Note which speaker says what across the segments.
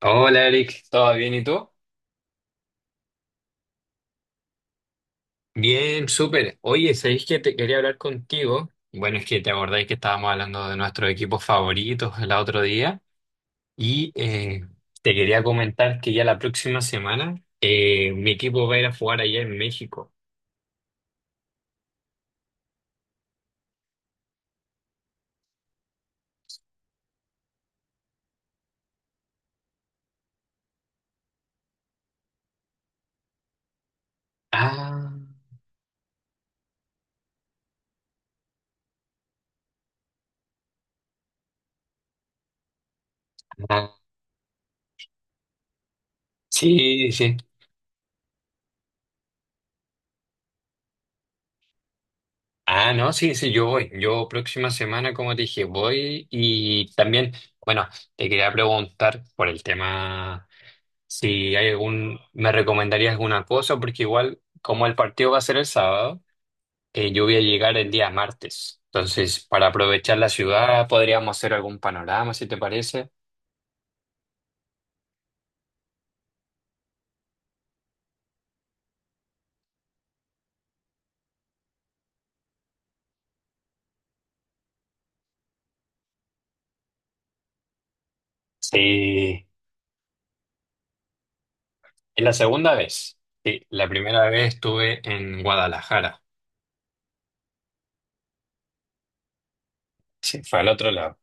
Speaker 1: Hola Eric, ¿todo bien y tú? Bien, súper. Oye, ¿sabéis que te quería hablar contigo? Bueno, es que te acordáis que estábamos hablando de nuestros equipos favoritos el otro día y te quería comentar que ya la próxima semana mi equipo va a ir a jugar allá en México. Ah, ah, sí, sí. Ah, no, sí, sí, yo voy. Yo próxima semana, como te dije, voy y también, bueno, te quería preguntar por el tema. Si hay me recomendarías alguna cosa, porque igual, como el partido va a ser el sábado, yo voy a llegar el día martes. Entonces, para aprovechar la ciudad, podríamos hacer algún panorama, si te parece. Sí, es la segunda vez. Sí, la primera vez estuve en Guadalajara. Sí, fue al otro lado.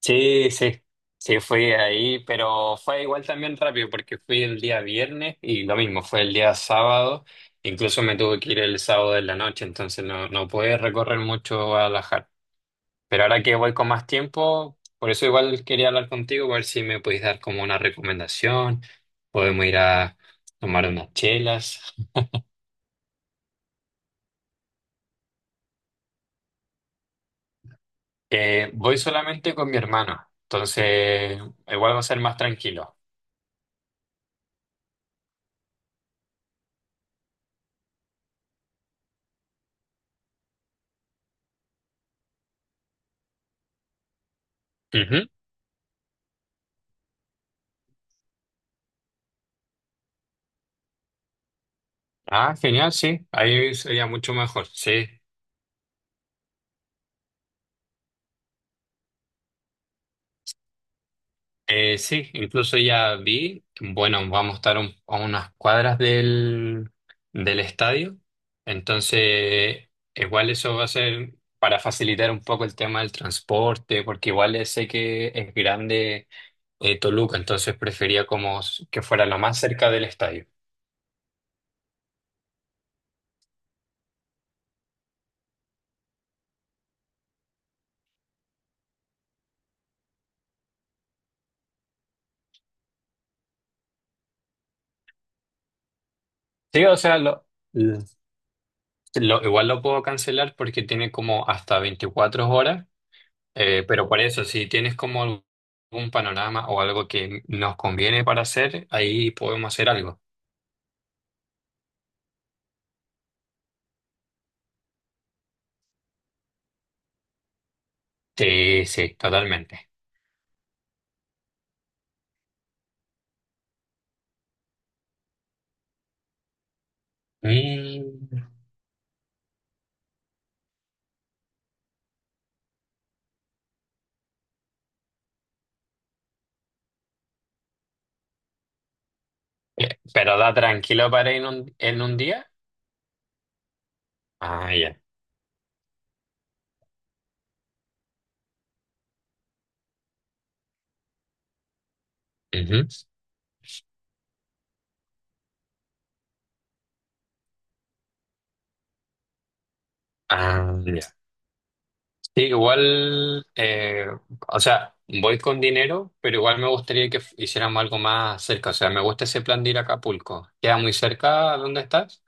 Speaker 1: Sí, sí, sí, fui ahí, pero fue igual también rápido porque fui el día viernes y lo mismo, fue el día sábado, incluso me tuve que ir el sábado en la noche, entonces no, no pude recorrer mucho Guadalajara. Pero ahora que voy con más tiempo, por eso igual quería hablar contigo, a ver si me podéis dar como una recomendación, podemos ir a tomar unas chelas. Voy solamente con mi hermano, entonces igual va a ser más tranquilo. Ah, genial, sí, ahí sería mucho mejor, sí. Sí, incluso ya vi, bueno, vamos a estar a unas cuadras del estadio, entonces igual eso va a ser para facilitar un poco el tema del transporte, porque igual sé que es grande Toluca, entonces prefería como que fuera lo más cerca del estadio. Sí, o sea, igual lo puedo cancelar porque tiene como hasta 24 horas. Pero por eso, si tienes como algún panorama o algo que nos conviene para hacer, ahí podemos hacer algo. Sí, sí, totalmente. Mm. Pero da tranquilo para ir en un día. Ah, ya. Ujú. Ah, ya. Sí, igual, o sea, voy con dinero, pero igual me gustaría que hiciéramos algo más cerca. O sea, me gusta ese plan de ir a Acapulco. ¿Queda muy cerca? ¿Dónde estás?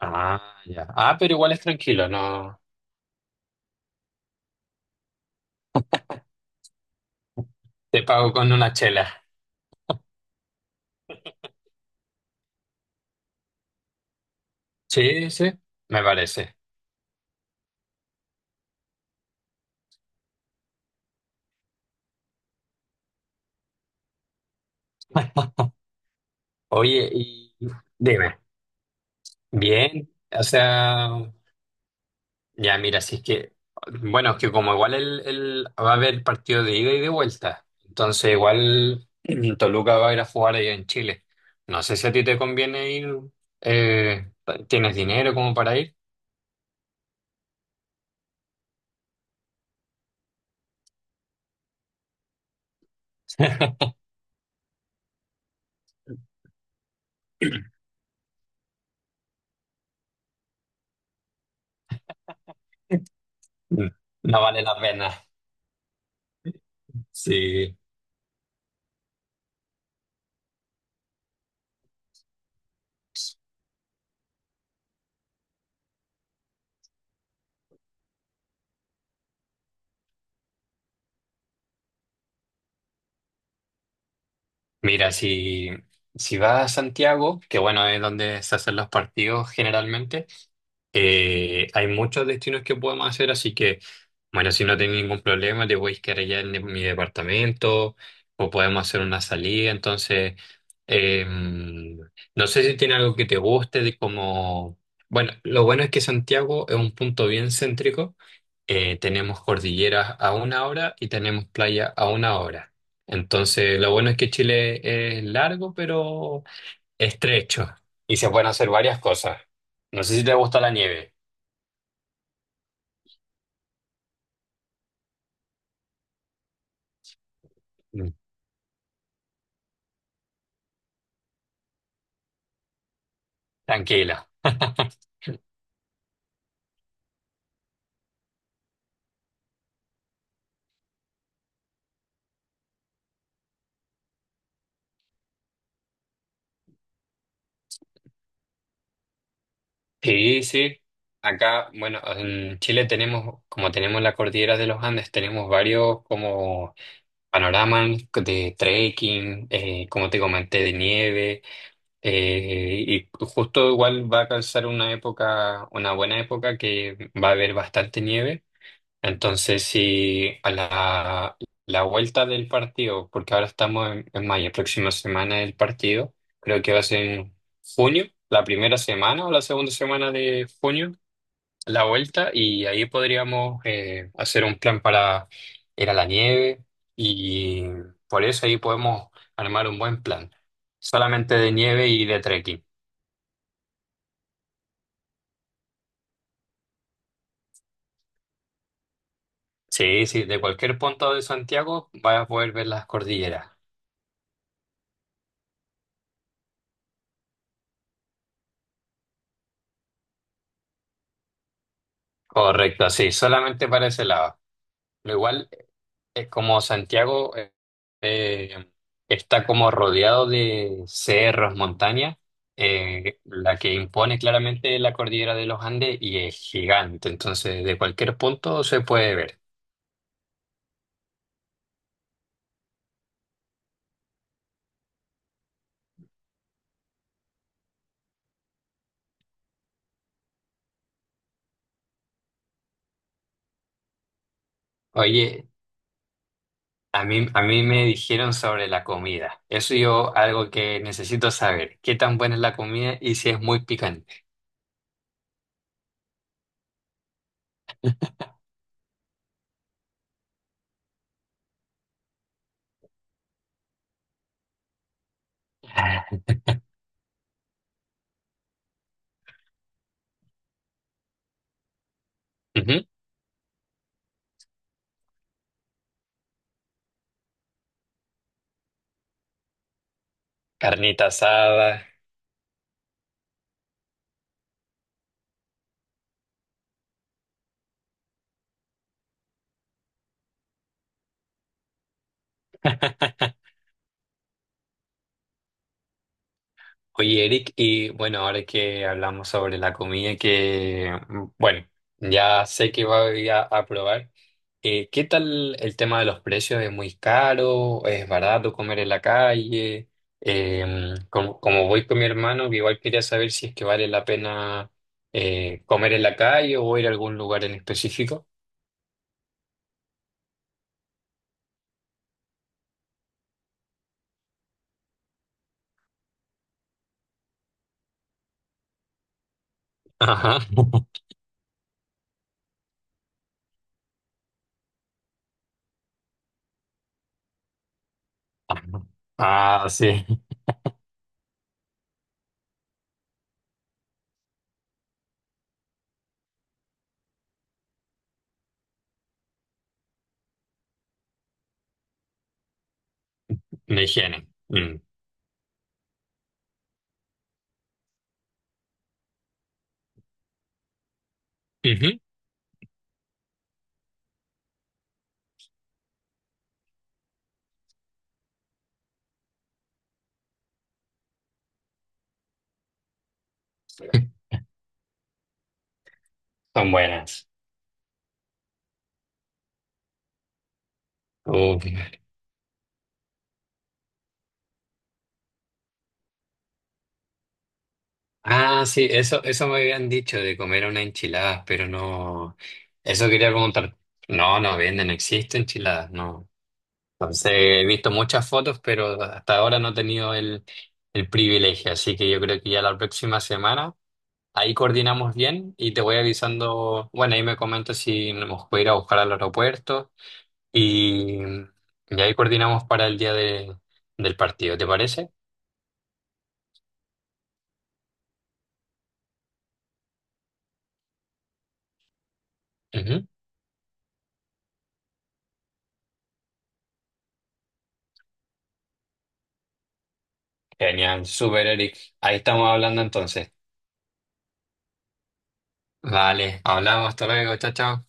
Speaker 1: Ah, ya. Ah, pero igual es tranquilo, no. Te pago con una chela. Sí, sí, me parece. Oye, y dime, bien, o sea, ya mira, si es que, bueno, es que como igual va a haber partido de ida y de vuelta, entonces igual Toluca va a ir a jugar allá en Chile. No sé si a ti te conviene ir, eh, ¿tienes dinero como para ir? No vale la pena. Sí, mira, si vas a Santiago, que bueno, es donde se hacen los partidos generalmente. Hay muchos destinos que podemos hacer, así que, bueno, si no tienen ningún problema, te voy quedar allá en mi departamento o podemos hacer una salida. Entonces, no sé si tiene algo que te guste, de como... Bueno, lo bueno es que Santiago es un punto bien céntrico. Tenemos cordilleras a una hora y tenemos playa a una hora. Entonces, lo bueno es que Chile es largo, pero estrecho y se pueden hacer varias cosas. No sé si te gusta la nieve. Mm. Tranquila. Sí, sí. Acá, bueno, en Chile tenemos, como tenemos la cordillera de los Andes, tenemos varios como panoramas de trekking, como te comenté, de nieve, y justo igual va a calzar una época, una buena época que va a haber bastante nieve. Entonces, si a la vuelta del partido, porque ahora estamos en mayo, próxima semana el partido, creo que va a ser en junio, la primera semana o la segunda semana de junio, la vuelta, y ahí podríamos hacer un plan para ir a la nieve, y por eso ahí podemos armar un buen plan, solamente de nieve y de trekking. Sí, sí, de cualquier punto de Santiago vas a poder ver las cordilleras. Correcto, sí, solamente para ese lado. Pero igual, como Santiago eh, está como rodeado de cerros, montañas, la que impone claramente es la cordillera de los Andes y es gigante, entonces de cualquier punto se puede ver. Oye, a mí me dijeron sobre la comida, eso yo algo que necesito saber, ¿qué tan buena es la comida y si es muy picante? Ujú. Carnita asada. Oye, Eric, y bueno, ahora que hablamos sobre la comida que, bueno, ya sé que voy a probar, ¿qué tal el tema de los precios? ¿Es muy caro? ¿Es barato comer en la calle? Como voy con mi hermano, que igual quería saber si es que vale la pena comer en la calle o ir a algún lugar en específico. Ajá. Ah, sí. La higiene. Mm. Ujú. Son buenas. Uf. Ah, sí, eso me habían dicho de comer una enchilada, pero no, eso quería preguntar. No, no venden, no existe enchiladas, no. Entonces, he visto muchas fotos, pero hasta ahora no he tenido el privilegio, así que yo creo que ya la próxima semana ahí coordinamos bien y te voy avisando, bueno, ahí me comentas si nos puede ir a buscar al aeropuerto y, y ahí coordinamos para el día del partido, ¿te parece? Ujú. Genial, super Eric. Ahí estamos hablando entonces. Vale, hablamos, hasta luego, chao, chao.